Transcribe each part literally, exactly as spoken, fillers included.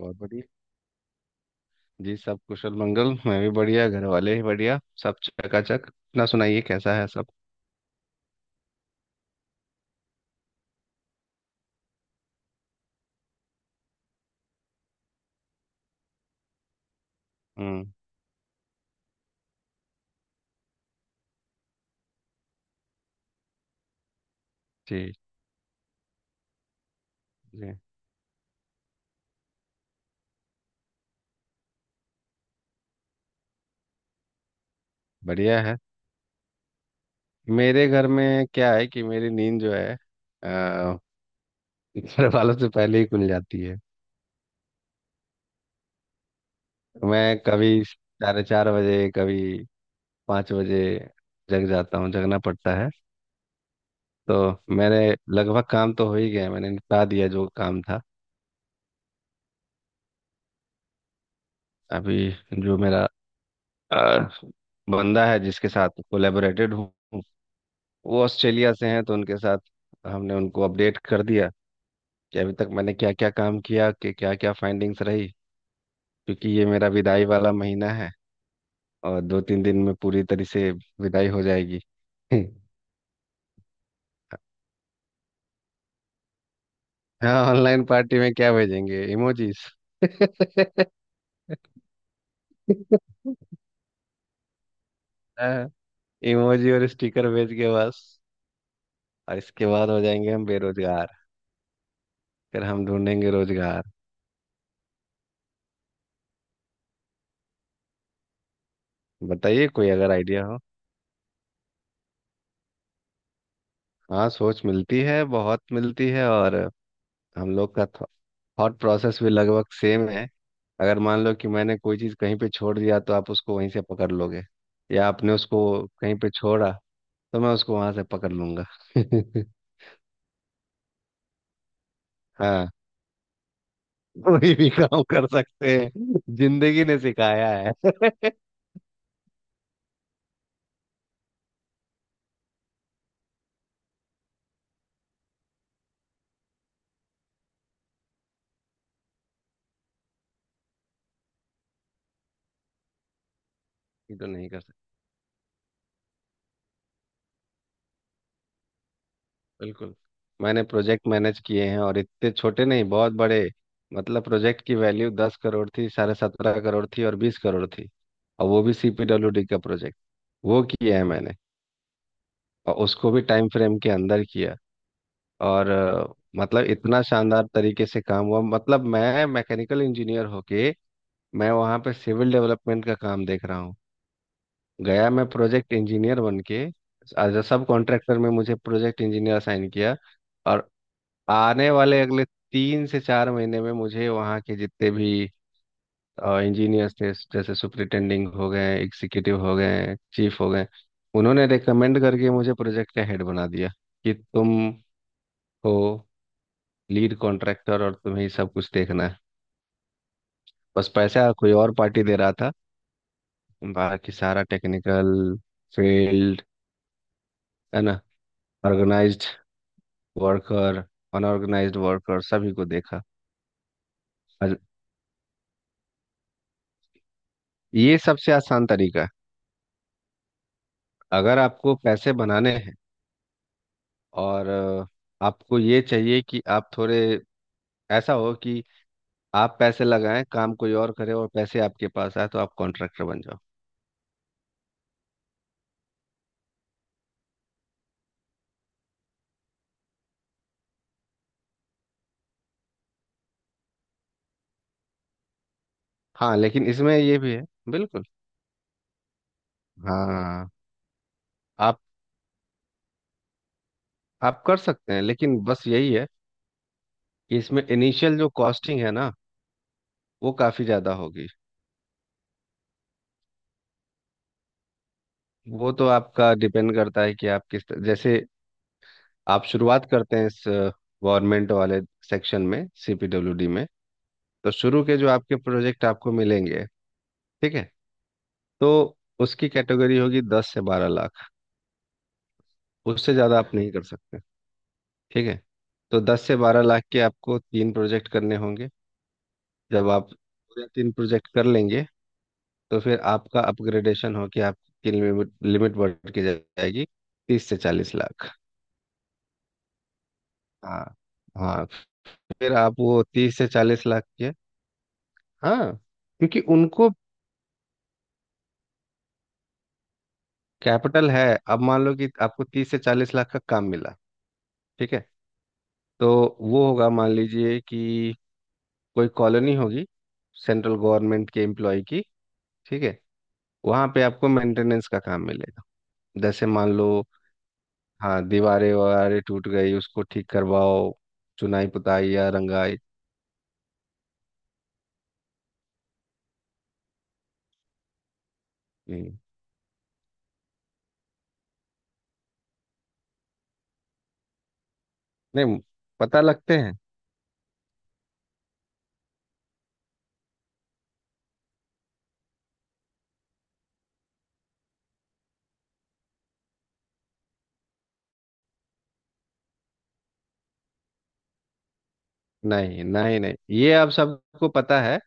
बहुत बढ़िया। जी, सब कुशल मंगल। मैं भी बढ़िया, घर वाले भी बढ़िया, सब चकाचक। अपना सुनाइए, कैसा है सब? हम्म। जी, जी। बढ़िया है। मेरे घर में क्या है कि मेरी नींद जो है अ, घर वालों से पहले ही खुल जाती है। मैं कभी साढ़े चार बजे, कभी पाँच बजे जग जाता हूँ, जगना पड़ता है। तो मैंने लगभग काम तो हो ही गया है, मैंने निपटा दिया जो काम था अभी। जो मेरा अ, बंदा है जिसके साथ कोलेबोरेटेड हूँ, वो ऑस्ट्रेलिया से हैं, तो उनके साथ हमने उनको अपडेट कर दिया कि अभी तक मैंने क्या क्या काम किया, कि क्या क्या फाइंडिंग्स रही। क्योंकि ये मेरा विदाई वाला महीना है, और दो तीन दिन में पूरी तरह से विदाई हो जाएगी। हाँ, ऑनलाइन पार्टी में क्या भेजेंगे, इमोजीज? हाँ, इमोजी और स्टिकर भेज के बस। और इसके बाद हो जाएंगे हम बेरोजगार। फिर हम ढूंढेंगे रोजगार। बताइए कोई अगर आइडिया हो। हाँ, सोच मिलती है, बहुत मिलती है, और हम लोग का थॉट प्रोसेस भी लगभग सेम है। अगर मान लो कि मैंने कोई चीज़ कहीं पे छोड़ दिया, तो आप उसको वहीं से पकड़ लोगे, या आपने उसको कहीं पे छोड़ा, तो मैं उसको वहां से पकड़ लूंगा। हाँ, कोई भी काम कर सकते हैं, जिंदगी ने सिखाया है। ये तो नहीं कर सकते। बिल्कुल। मैंने प्रोजेक्ट मैनेज किए हैं, और इतने छोटे नहीं, बहुत बड़े। मतलब प्रोजेक्ट की वैल्यू दस करोड़ थी, साढ़े सत्रह करोड़ थी, और बीस करोड़ थी। और वो भी सी पी डब्ल्यू डी का प्रोजेक्ट, वो किया है मैंने। और उसको भी टाइम फ्रेम के अंदर किया। और अ, मतलब इतना शानदार तरीके से काम हुआ, मतलब मैं मैकेनिकल इंजीनियर होके मैं वहाँ पे सिविल डेवलपमेंट का काम देख रहा हूँ। गया मैं प्रोजेक्ट इंजीनियर बन के, एज अ सब कॉन्ट्रैक्टर में मुझे प्रोजेक्ट इंजीनियर असाइन किया। और आने वाले अगले तीन से चार महीने में मुझे वहाँ के जितने भी इंजीनियर्स थे, जैसे सुपरिटेंडिंग हो गए, एग्जीक्यूटिव हो गए, चीफ हो गए, उन्होंने रिकमेंड करके मुझे प्रोजेक्ट का हेड बना दिया कि तुम हो लीड कॉन्ट्रैक्टर और तुम्हें ही सब कुछ देखना है। बस पैसा कोई और पार्टी दे रहा था, बाकी सारा टेक्निकल फील्ड है ना। ऑर्गेनाइज्ड वर्कर, अनऑर्गेनाइज्ड वर्कर सभी को देखा। और ये सबसे आसान तरीका है अगर आपको पैसे बनाने हैं। और अ, आपको ये चाहिए कि आप थोड़े ऐसा हो कि आप पैसे लगाएं, काम कोई और करे और पैसे आपके पास आए, तो आप कॉन्ट्रैक्टर बन जाओ। हाँ, लेकिन इसमें ये भी है। बिल्कुल। हाँ, आप आप कर सकते हैं, लेकिन बस यही है कि इसमें इनिशियल जो कॉस्टिंग है ना, वो काफ़ी ज़्यादा होगी। वो तो आपका डिपेंड करता है कि आप किस तरह- जैसे आप शुरुआत करते हैं इस गवर्नमेंट वाले सेक्शन में, सी पी डब्ल्यू डी में। तो शुरू के जो आपके प्रोजेक्ट आपको मिलेंगे, ठीक है, तो उसकी कैटेगरी होगी दस से बारह लाख। उससे ज़्यादा आप नहीं कर सकते। ठीक है, तो दस से बारह लाख के आपको तीन प्रोजेक्ट करने होंगे। जब आप पूरे तीन प्रोजेक्ट कर लेंगे, तो फिर आपका अपग्रेडेशन हो कि आपकी लिमिट लिमिट बढ़ के जाएगी तीस से चालीस लाख। हाँ, हाँ। फिर आप वो तीस से चालीस लाख के। हाँ, क्योंकि उनको कैपिटल है। अब मान लो कि आपको तीस से चालीस लाख का काम मिला, ठीक है। तो वो होगा मान लीजिए कि कोई कॉलोनी होगी, सेंट्रल गवर्नमेंट के एम्प्लॉय की, ठीक है। वहाँ पे आपको मेंटेनेंस का काम मिलेगा। जैसे मान लो, हाँ, दीवारें वगैरह टूट गई उसको ठीक करवाओ, चुनाई पुताई या रंगाई। हम्म। नहीं, पता लगते हैं। नहीं, नहीं, नहीं, ये अब सबको पता है।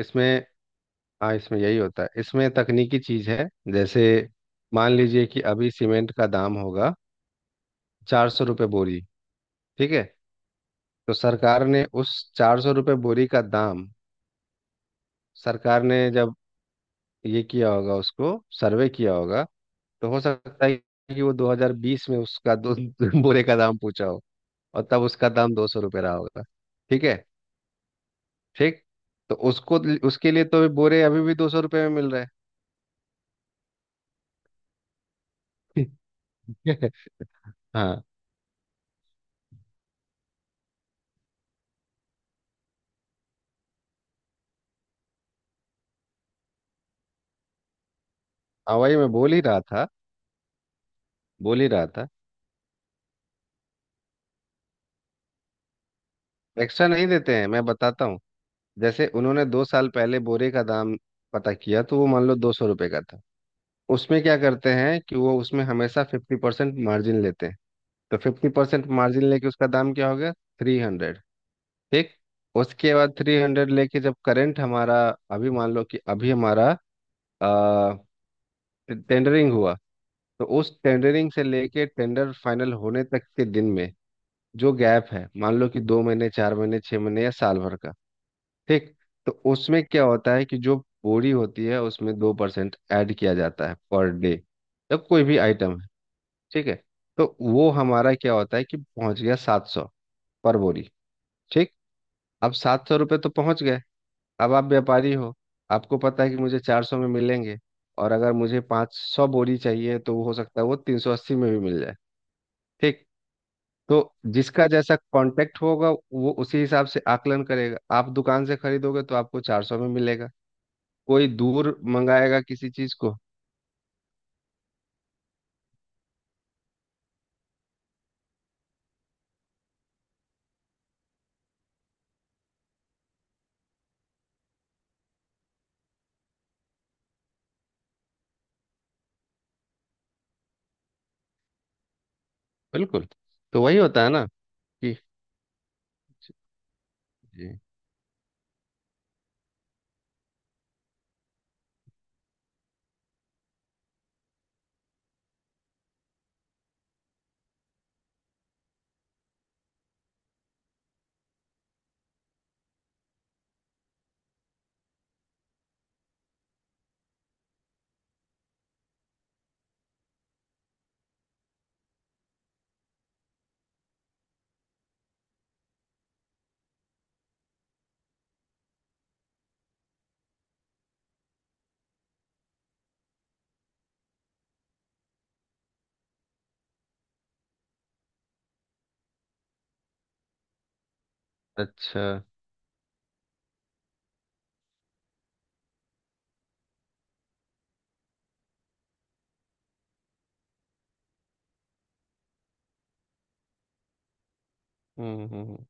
इसमें हाँ, इसमें यही होता है, इसमें तकनीकी चीज है। जैसे मान लीजिए कि अभी सीमेंट का दाम होगा चार सौ रुपये बोरी, ठीक है। तो सरकार ने उस चार सौ रुपये बोरी का दाम, सरकार ने जब ये किया होगा उसको सर्वे किया होगा। तो हो सकता है कि वो दो हज़ार बीस में उसका दो बोरे का दाम पूछा हो, और तब उसका दाम दो सौ रुपये रहा होगा। ठीक है, ठीक। तो उसको उसके लिए तो बोरे अभी भी दो सौ रुपये में मिल रहा है। ठीक है। हाँ, हाँ, वही मैं बोल ही रहा था, बोल ही रहा था। एक्स्ट्रा नहीं देते हैं, मैं बताता हूँ। जैसे उन्होंने दो साल पहले बोरे का दाम पता किया, तो वो मान लो दो सौ रुपये का था। उसमें क्या करते हैं कि वो उसमें हमेशा फिफ्टी परसेंट मार्जिन लेते हैं। तो फिफ्टी परसेंट मार्जिन लेके उसका दाम क्या हो गया, थ्री हंड्रेड। ठीक। उसके बाद थ्री हंड्रेड लेके जब करंट हमारा, अभी मान लो कि अभी हमारा टेंडरिंग हुआ। तो उस टेंडरिंग से लेके टेंडर फाइनल होने तक के दिन में जो गैप है, मान लो कि दो महीने, चार महीने, छह महीने या साल भर का, ठीक। तो उसमें क्या होता है कि जो बोरी होती है उसमें दो परसेंट ऐड किया जाता है पर डे, या कोई भी आइटम है, ठीक है। तो वो हमारा क्या होता है कि पहुंच गया सात सौ पर बोरी। ठीक। अब सात सौ रुपये तो पहुंच गए। अब आप व्यापारी हो, आपको पता है कि मुझे चार सौ में मिलेंगे, और अगर मुझे पाँच सौ बोरी चाहिए, तो वो हो सकता है वो तीन सौ अस्सी में भी मिल जाए। ठीक। तो जिसका जैसा कांटेक्ट होगा वो उसी हिसाब से आकलन करेगा। आप दुकान से खरीदोगे तो आपको चार सौ में मिलेगा, कोई दूर मंगाएगा किसी चीज को। बिल्कुल। तो वही होता है ना कि। जी, अच्छा। हम्म, हम्म, हम्म।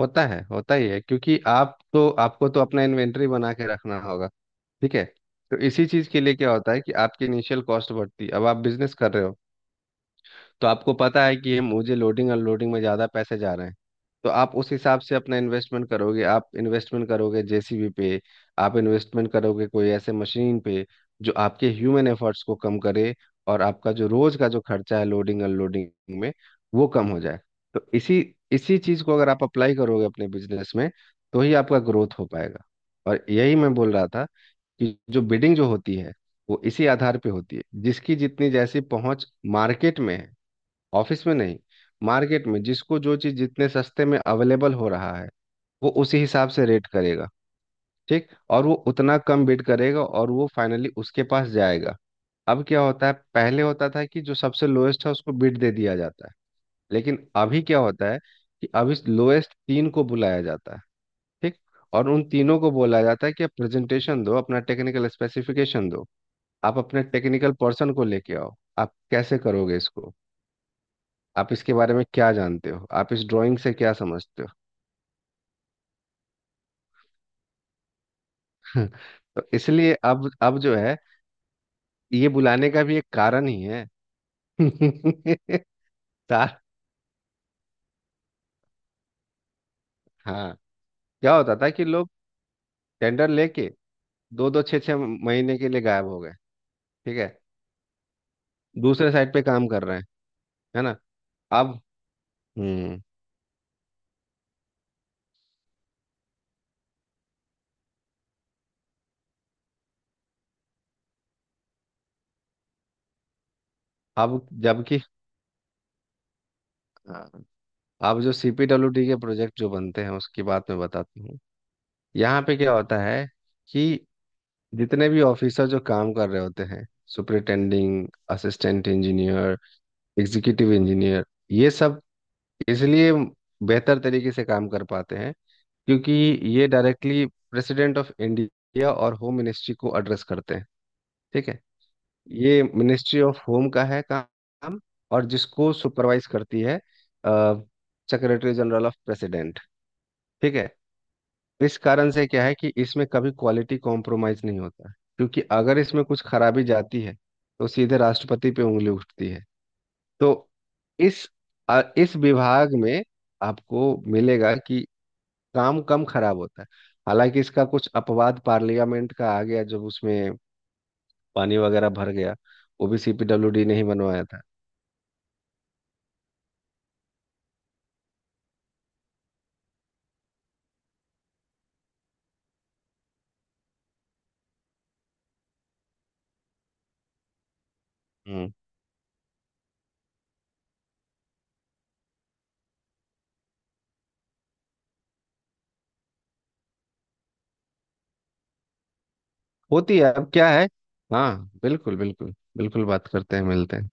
होता है, होता ही है, क्योंकि आप तो आपको तो अपना इन्वेंटरी बना के रखना होगा, ठीक है। तो इसी चीज के लिए क्या होता है कि आपकी इनिशियल कॉस्ट बढ़ती है। अब आप बिजनेस कर रहे हो, तो आपको पता है कि ये मुझे लोडिंग अनलोडिंग में ज़्यादा पैसे जा रहे हैं। तो आप उस हिसाब से अपना इन्वेस्टमेंट करोगे, आप इन्वेस्टमेंट करोगे जे सी बी पे, आप इन्वेस्टमेंट करोगे कोई ऐसे मशीन पे जो आपके ह्यूमन एफर्ट्स को कम करे, और आपका जो रोज का जो खर्चा है लोडिंग अनलोडिंग में, वो कम हो जाए। तो इसी इसी चीज़ को अगर आप अप्लाई करोगे अपने बिजनेस में, तो ही आपका ग्रोथ हो पाएगा। और यही मैं बोल रहा था कि जो बिडिंग जो होती है, वो इसी आधार पे होती है, जिसकी जितनी जैसी पहुंच मार्केट में है, ऑफिस में नहीं। मार्केट में जिसको जो चीज़ जितने सस्ते में अवेलेबल हो रहा है, वो उसी हिसाब से रेट करेगा, ठीक। और वो उतना कम बिड करेगा, और वो फाइनली उसके पास जाएगा। अब क्या होता है, पहले होता था कि जो सबसे लोएस्ट है उसको बिड दे दिया जाता है। लेकिन अभी क्या होता है कि अभी लोएस्ट तीन को बुलाया जाता है, ठीक। और उन तीनों को बोला जाता है कि आप प्रेजेंटेशन दो, अपना टेक्निकल स्पेसिफिकेशन दो, आप अपने टेक्निकल पर्सन को लेके आओ, आप कैसे करोगे इसको, आप इसके बारे में क्या जानते हो, आप इस ड्राइंग से क्या समझते हो। तो इसलिए अब अब जो है ये बुलाने का भी एक कारण ही है। तार हाँ, क्या होता था कि लोग टेंडर लेके दो दो छः छः महीने के लिए गायब हो गए, ठीक है, दूसरे साइड पे काम कर रहे हैं, है ना। अब। हम्म। अब जबकि हाँ, अब जो सी पी डब्ल्यू डी के प्रोजेक्ट जो बनते हैं उसकी बात मैं बताती हूँ। यहाँ पे क्या होता है कि जितने भी ऑफिसर जो काम कर रहे होते हैं, superintending assistant engineer, executive engineer, ये सब इसलिए बेहतर तरीके से काम कर पाते हैं, क्योंकि ये डायरेक्टली प्रेसिडेंट ऑफ इंडिया और होम मिनिस्ट्री को एड्रेस करते हैं। ठीक है। ये मिनिस्ट्री ऑफ होम का है काम, और जिसको सुपरवाइज करती है सेक्रेटरी जनरल ऑफ प्रेसिडेंट। ठीक है। इस कारण से क्या है कि इसमें कभी क्वालिटी कॉम्प्रोमाइज नहीं होता, क्योंकि अगर इसमें कुछ खराबी जाती है, तो सीधे राष्ट्रपति पे उंगली उठती है। तो इस अ, इस विभाग में आपको मिलेगा कि काम कम खराब होता है। हालांकि इसका कुछ अपवाद पार्लियामेंट का आ गया, जब उसमें पानी वगैरह भर गया। वो भी सीपीडब्ल्यूडी ने ही बनवाया था। हम्म। होती है, अब क्या है। हाँ, बिल्कुल, बिल्कुल, बिल्कुल, बात करते हैं, मिलते हैं।